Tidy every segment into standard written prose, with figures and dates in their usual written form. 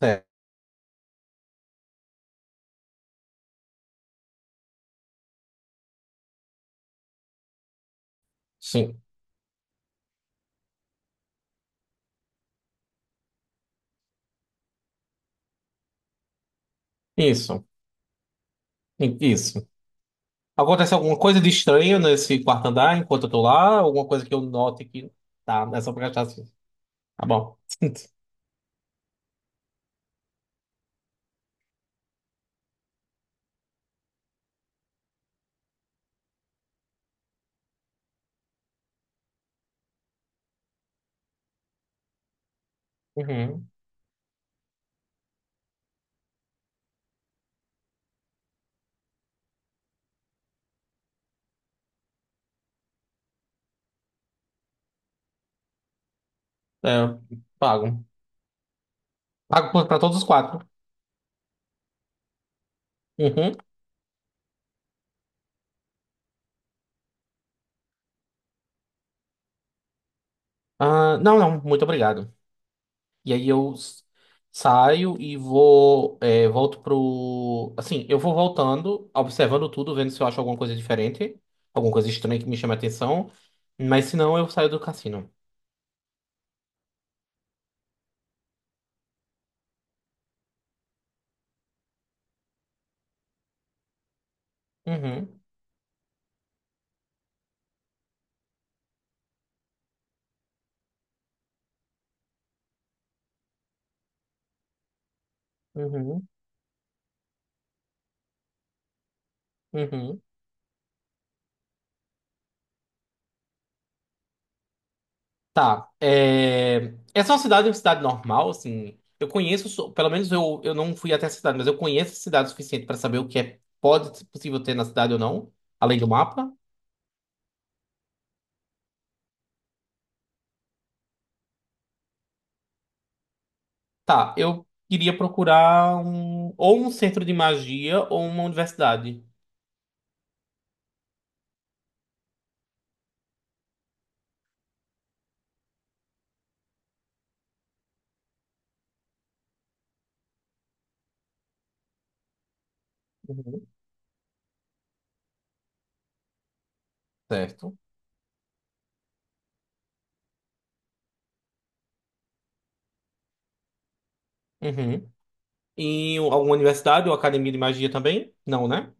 Certo. Sim. Isso. Isso. Acontece alguma coisa de estranho nesse quarto andar enquanto eu tô lá? Alguma coisa que eu note que. Tá, é só pra gastar assim. Tá bom. Uhum. É, pago. Pago pra todos os 4. Uhum. Ah, não, não, muito obrigado. E aí saio e vou. É, volto pro. Assim, eu vou voltando, observando tudo, vendo se eu acho alguma coisa diferente, alguma coisa estranha que me chame a atenção. Mas se não, eu saio do cassino. Uhum. Uhum. Uhum. Tá. É... Essa é uma cidade normal, assim. Eu conheço, pelo menos eu não fui até a cidade, mas eu conheço a cidade o suficiente para saber o que é pode ser possível ter na cidade ou não, além do mapa. Tá, eu iria procurar um, ou um centro de magia ou uma universidade. Uhum. Certo. Uhum. E alguma universidade ou academia de magia também? Não, né?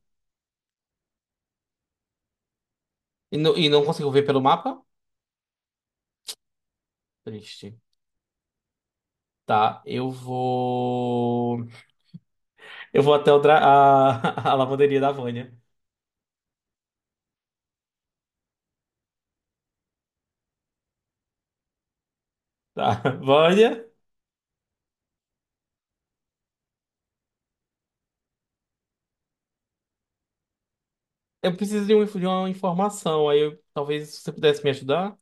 E, não consigo ver pelo mapa? Triste. Tá, eu vou. Eu vou até a, a lavanderia da Vânia. Tá. Vânia, eu preciso de, de uma informação. Talvez você pudesse me ajudar.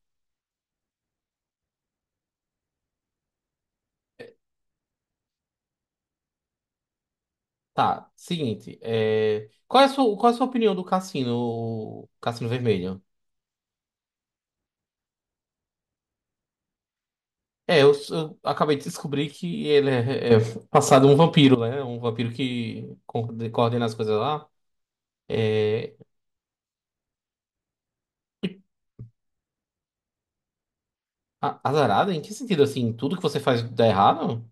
Tá, seguinte. É, qual é a sua, qual é a sua opinião do cassino, Cassino Vermelho? É, eu acabei de descobrir que ele é passado um vampiro, né? Um vampiro que coordena as coisas lá. É... Azarada? Em que sentido, assim? Tudo que você faz dá errado?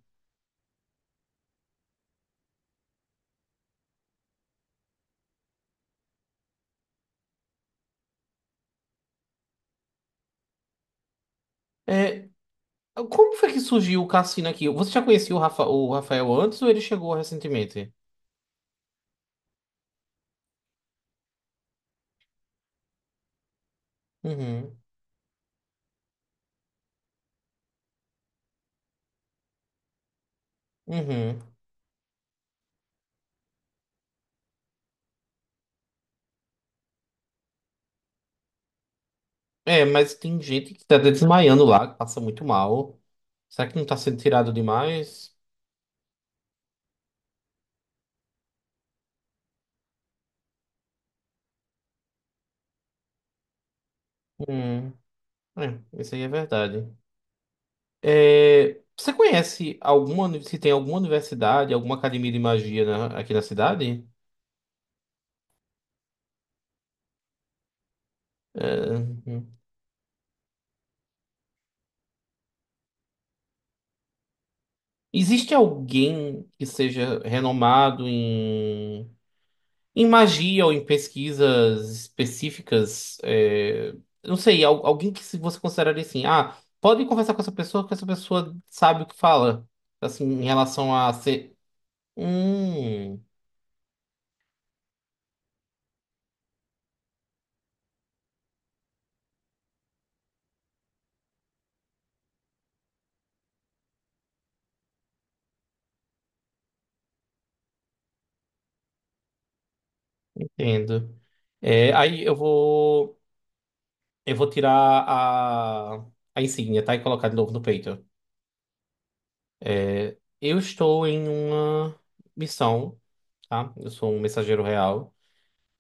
É, como foi que surgiu o cassino aqui? Você já conhecia o, o Rafael antes ou ele chegou recentemente? Uhum, uhum. É, mas tem gente que tá desmaiando lá, que passa muito mal. Será que não tá sendo tirado demais? Hum, é, isso aí é verdade. É, você conhece alguma, se tem alguma universidade, alguma academia de magia aqui na cidade? É, uhum. Existe alguém que seja renomado em em magia ou em pesquisas específicas, é, não sei, alguém que se você consideraria assim, ah, pode conversar com essa pessoa, que essa pessoa sabe o que fala, assim, em relação a ser... Hum, entendo. É, aí eu vou tirar a, a insígnia, tá? E colocar de novo no peito. É, eu estou em uma missão, tá? Eu sou um mensageiro real.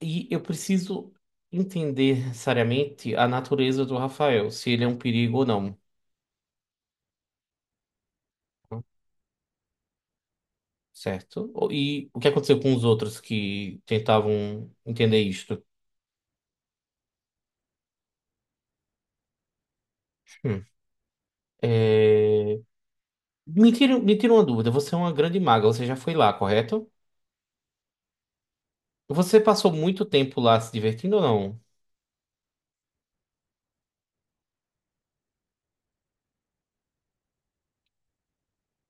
E eu preciso entender seriamente a natureza do Rafael, se ele é um perigo ou não, certo? E o que aconteceu com os outros que tentavam entender isto? Hum. É, me tira uma dúvida, você é uma grande maga, você já foi lá, correto? Você passou muito tempo lá se divertindo ou não?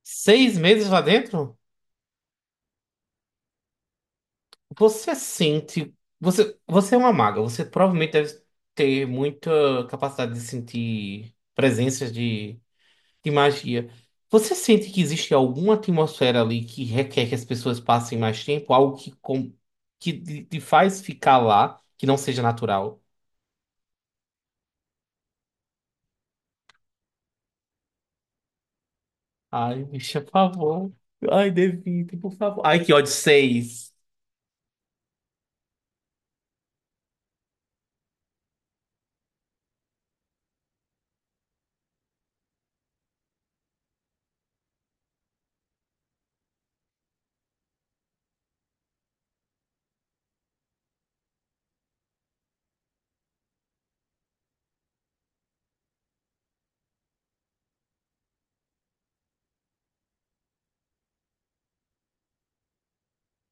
6 meses lá dentro? Você sente. Você é uma maga, você provavelmente deve ter muita capacidade de sentir presenças de magia. Você sente que existe alguma atmosfera ali que requer que as pessoas passem mais tempo? Algo que, com, que te faz ficar lá, que não seja natural? Ai, bicha, por favor. Ai, Devite, por favor. Ai, que ódio, 6.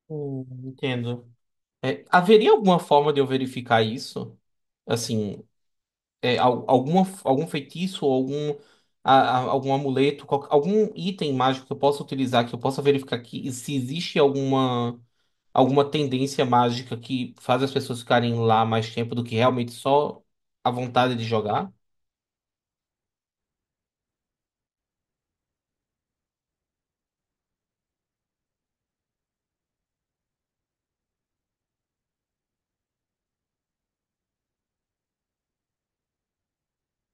Entendo. É, haveria alguma forma de eu verificar isso? Assim, é, alguma, algum feitiço, ou algum, algum amuleto, algum item mágico que eu possa utilizar, que eu possa verificar que, se existe alguma. Alguma tendência mágica que faz as pessoas ficarem lá mais tempo do que realmente só a vontade de jogar?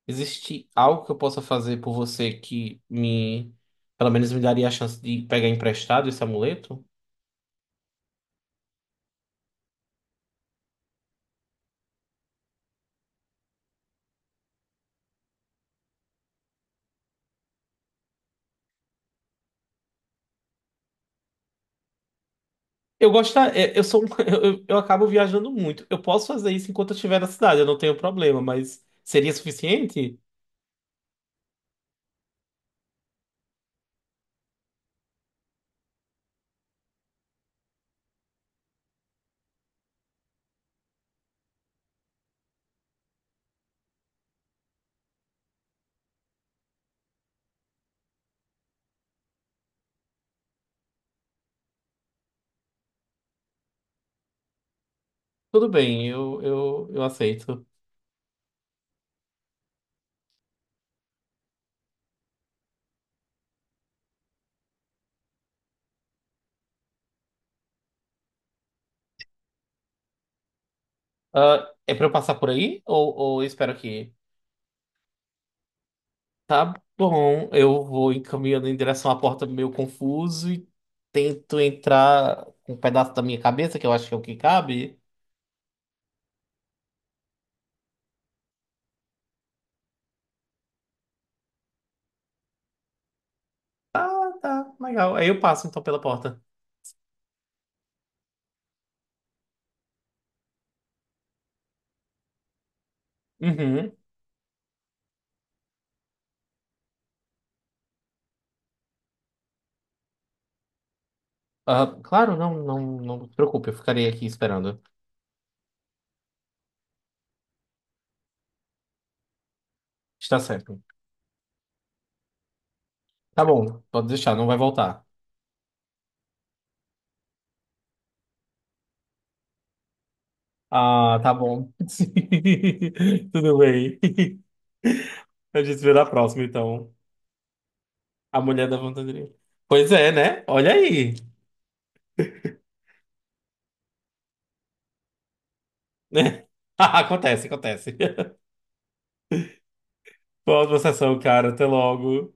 Existe algo que eu possa fazer por você que me, pelo menos me daria a chance de pegar emprestado esse amuleto? Eu gosto, é, eu sou, eu acabo viajando muito. Eu posso fazer isso enquanto eu estiver na cidade, eu não tenho problema, mas seria suficiente? Tudo bem, eu aceito. Ah, é pra eu passar por aí ou eu espero aqui? Tá bom, eu vou encaminhando em direção à porta meio confuso e tento entrar com um pedaço da minha cabeça, que eu acho que é o que cabe. Ah, tá, legal. Aí eu passo então pela porta. Uhum. Ah, claro, não, não, não se preocupe, eu ficarei aqui esperando. Está certo. Tá bom, pode deixar, não vai voltar. Ah, tá bom. Sim, tudo bem. A gente se vê na próxima, então. A mulher da lavanderia. Pois é, né? Olha aí. Acontece, acontece. Boa sessão, cara. Até logo.